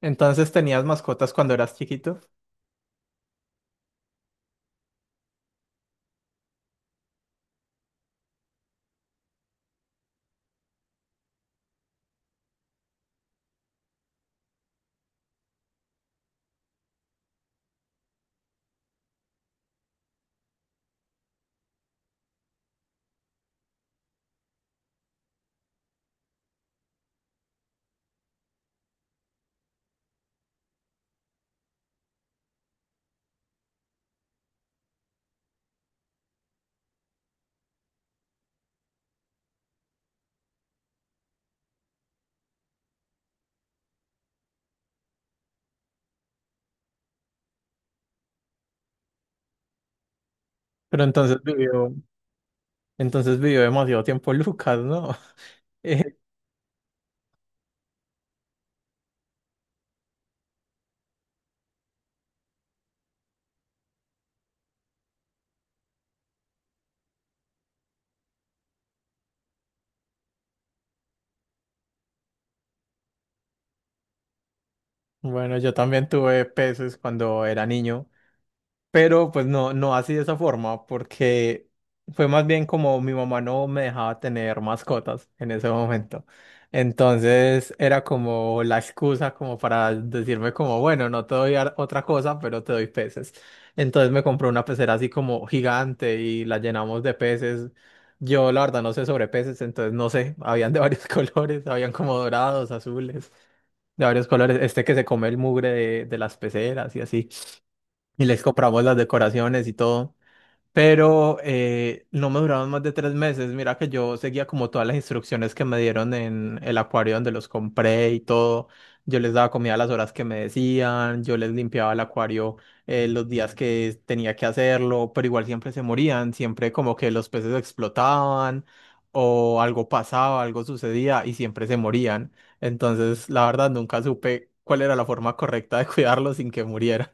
Entonces tenías mascotas cuando eras chiquito, pero entonces vivió, entonces vivió demasiado tiempo Lucas, ¿no? Eh, bueno, yo también tuve peces cuando era niño. Pero pues no, no así de esa forma, porque fue más bien como mi mamá no me dejaba tener mascotas en ese momento. Entonces era como la excusa como para decirme como, bueno, no te doy otra cosa, pero te doy peces. Entonces me compró una pecera así como gigante y la llenamos de peces. Yo la verdad no sé sobre peces, entonces no sé, habían de varios colores, habían como dorados, azules, de varios colores. Este que se come el mugre de las peceras y así y les compramos las decoraciones y todo. Pero no me duraron más de 3 meses. Mira que yo seguía como todas las instrucciones que me dieron en el acuario donde los compré y todo. Yo les daba comida a las horas que me decían, yo les limpiaba el acuario los días que tenía que hacerlo, pero igual siempre se morían, siempre como que los peces explotaban o algo pasaba, algo sucedía y siempre se morían. Entonces, la verdad, nunca supe cuál era la forma correcta de cuidarlos sin que murieran.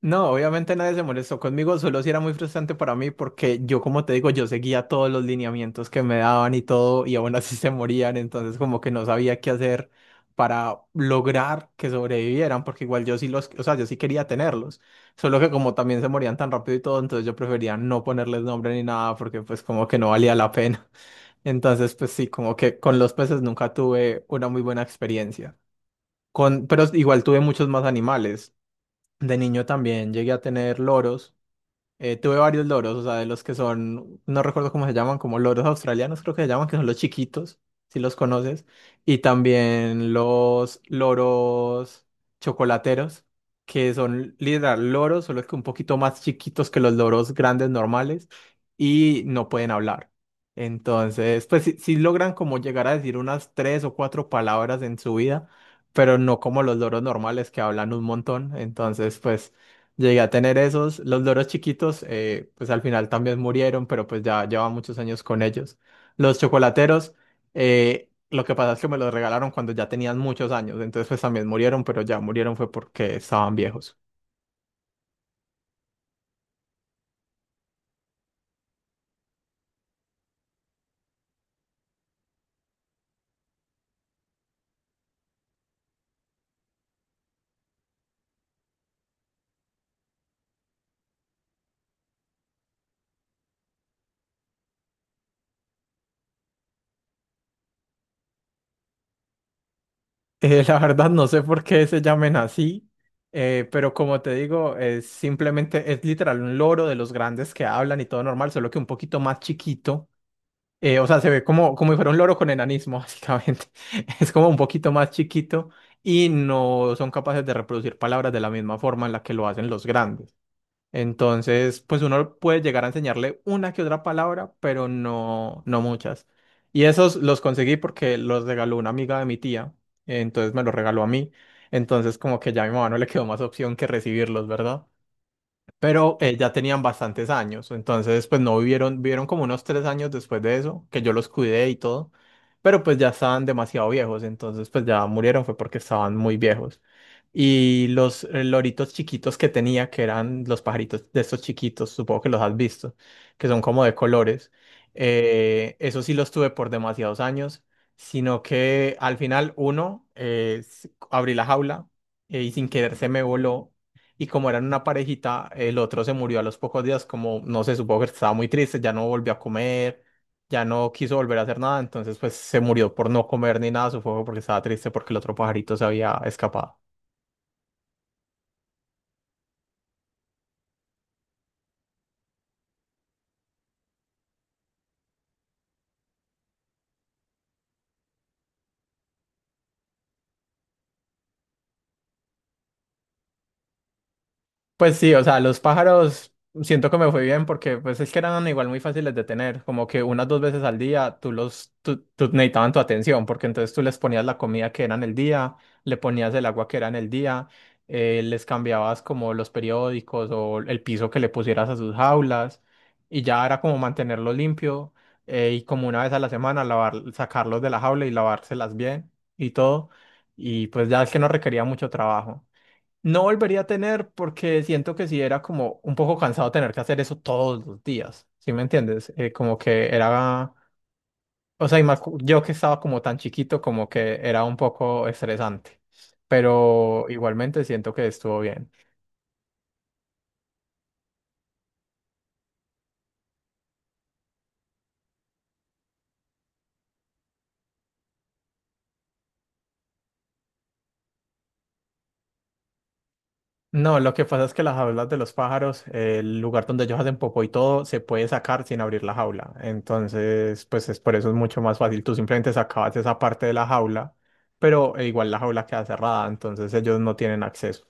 No, obviamente nadie se molestó conmigo, solo sí era muy frustrante para mí porque yo, como te digo, yo seguía todos los lineamientos que me daban y todo y aún así se morían, entonces como que no sabía qué hacer para lograr que sobrevivieran, porque igual yo sí los, o sea, yo sí quería tenerlos, solo que como también se morían tan rápido y todo, entonces yo prefería no ponerles nombre ni nada porque pues como que no valía la pena. Entonces pues sí, como que con los peces nunca tuve una muy buena experiencia. Pero igual tuve muchos más animales. De niño también llegué a tener loros. Tuve varios loros, o sea, de los que son, no recuerdo cómo se llaman, como loros australianos creo que se llaman, que son los chiquitos, si los conoces, y también los loros chocolateros, que son literal loros, solo que un poquito más chiquitos que los loros grandes normales, y no pueden hablar. Entonces, pues sí, sí logran como llegar a decir unas tres o cuatro palabras en su vida, pero no como los loros normales que hablan un montón, entonces, pues... Llegué a tener esos, los loros chiquitos, pues al final también murieron, pero pues ya llevaba muchos años con ellos. Los chocolateros, lo que pasa es que me los regalaron cuando ya tenían muchos años, entonces pues también murieron, pero ya murieron fue porque estaban viejos. La verdad no sé por qué se llamen así, pero como te digo, es simplemente, es literal un loro de los grandes que hablan y todo normal, solo que un poquito más chiquito. O sea, se ve como, como si fuera un loro con enanismo, básicamente. Es como un poquito más chiquito y no son capaces de reproducir palabras de la misma forma en la que lo hacen los grandes. Entonces, pues uno puede llegar a enseñarle una que otra palabra, pero no, no muchas. Y esos los conseguí porque los regaló una amiga de mi tía, entonces me los regaló a mí. Entonces, como que ya a mi mamá no le quedó más opción que recibirlos, ¿verdad? Pero ya tenían bastantes años, entonces pues no vivieron, vivieron como unos 3 años después de eso, que yo los cuidé y todo, pero pues ya estaban demasiado viejos, entonces pues ya murieron fue porque estaban muy viejos. Y los loritos chiquitos que tenía, que eran los pajaritos de estos chiquitos, supongo que los has visto, que son como de colores, eso sí los tuve por demasiados años, sino que al final uno, abrí la jaula y sin querer se me voló y como eran una parejita, el otro se murió a los pocos días, como no sé, supongo que estaba muy triste, ya no volvió a comer, ya no quiso volver a hacer nada, entonces pues se murió por no comer ni nada, supongo porque estaba triste porque el otro pajarito se había escapado. Pues sí, o sea, los pájaros siento que me fue bien porque pues es que eran igual muy fáciles de tener, como que unas dos veces al día tú necesitaban tu atención porque entonces tú les ponías la comida que era en el día, le ponías el agua que era en el día, les cambiabas como los periódicos o el piso que le pusieras a sus jaulas y ya era como mantenerlo limpio y como una vez a la semana lavar, sacarlos de la jaula y lavárselas bien y todo y pues ya es que no requería mucho trabajo. No volvería a tener porque siento que sí era como un poco cansado tener que hacer eso todos los días, ¿sí me entiendes? Como que era, o sea, y más yo que estaba como tan chiquito, como que era un poco estresante, pero igualmente siento que estuvo bien. No, lo que pasa es que las jaulas de los pájaros, el lugar donde ellos hacen popó y todo, se puede sacar sin abrir la jaula. Entonces, pues es por eso es mucho más fácil. Tú simplemente sacabas esa parte de la jaula, pero igual la jaula queda cerrada, entonces ellos no tienen acceso.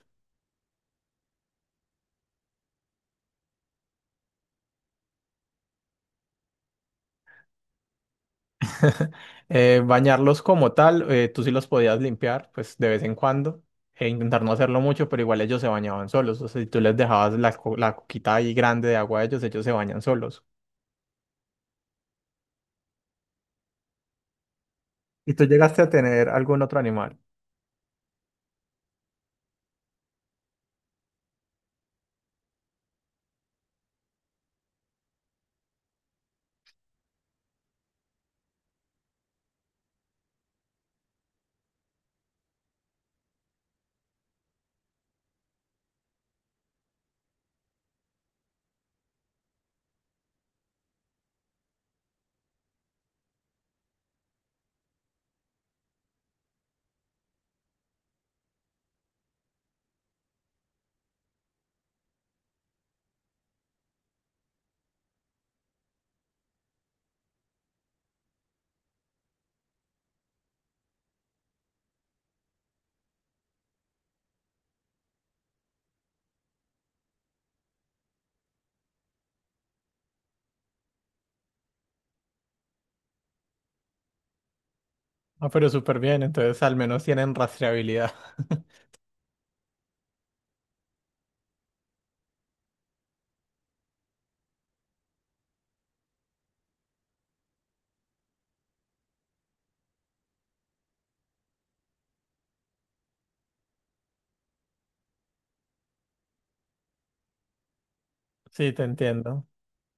Bañarlos como tal, tú sí los podías limpiar, pues de vez en cuando, e intentar no hacerlo mucho, pero igual ellos se bañaban solos. O sea, si tú les dejabas la coquita ahí grande de agua a ellos, ellos se bañan solos. ¿Y tú llegaste a tener algún otro animal? Ah, pero súper bien, entonces al menos tienen rastreabilidad. Sí, te entiendo.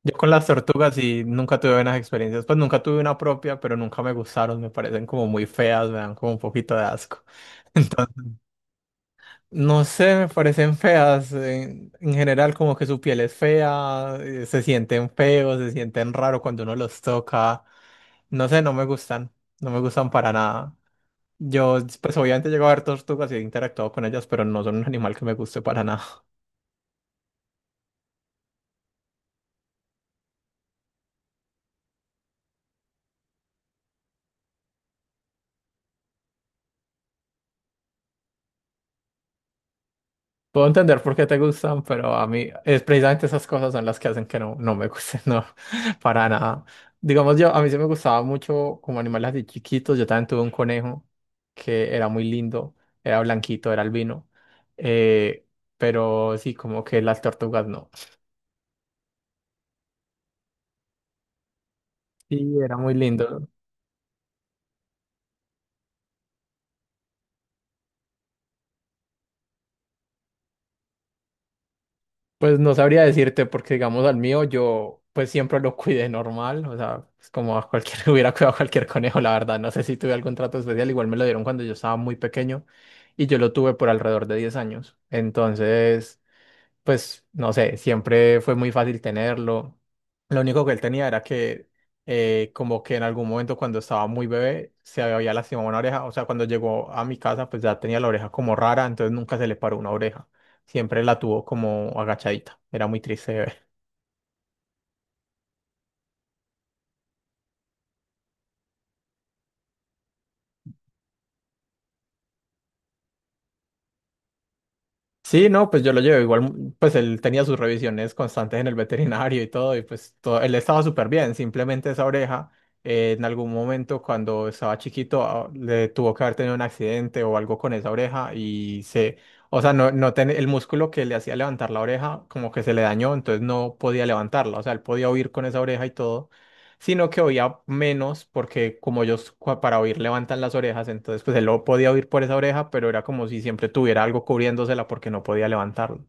Yo con las tortugas sí nunca tuve buenas experiencias. Pues nunca tuve una propia, pero nunca me gustaron. Me parecen como muy feas, me dan como un poquito de asco. Entonces, no sé, me parecen feas. En general, como que su piel es fea, se sienten feos, se sienten raro cuando uno los toca. No sé, no me gustan. No me gustan para nada. Yo, pues obviamente llego a ver tortugas y he interactuado con ellas, pero no son un animal que me guste para nada. Puedo entender por qué te gustan, pero a mí es precisamente esas cosas son las que hacen que no, no me gusten, no, para nada. Digamos yo, a mí sí me gustaba mucho como animales así chiquitos, yo también tuve un conejo que era muy lindo, era blanquito, era albino, eh, pero sí, como que las tortugas no. Sí, era muy lindo. Pues no sabría decirte porque, digamos, al mío yo pues siempre lo cuidé normal, o sea, es como a cualquier, hubiera cuidado a cualquier conejo, la verdad, no sé si tuve algún trato especial, igual me lo dieron cuando yo estaba muy pequeño y yo lo tuve por alrededor de 10 años, entonces pues no sé, siempre fue muy fácil tenerlo. Lo único que él tenía era que como que en algún momento cuando estaba muy bebé se había lastimado una oreja, o sea, cuando llegó a mi casa pues ya tenía la oreja como rara, entonces nunca se le paró una oreja, siempre la tuvo como agachadita, era muy triste. Sí, no, pues yo lo llevo igual, pues él tenía sus revisiones constantes en el veterinario y todo, y pues todo, él estaba súper bien, simplemente esa oreja en algún momento cuando estaba chiquito le tuvo que haber tenido un accidente o algo con esa oreja y o sea, no, el músculo que le hacía levantar la oreja como que se le dañó, entonces no podía levantarla, o sea, él podía oír con esa oreja y todo sino que oía menos porque como ellos para oír levantan las orejas, entonces pues él lo podía oír por esa oreja, pero era como si siempre tuviera algo cubriéndosela porque no podía levantarlo.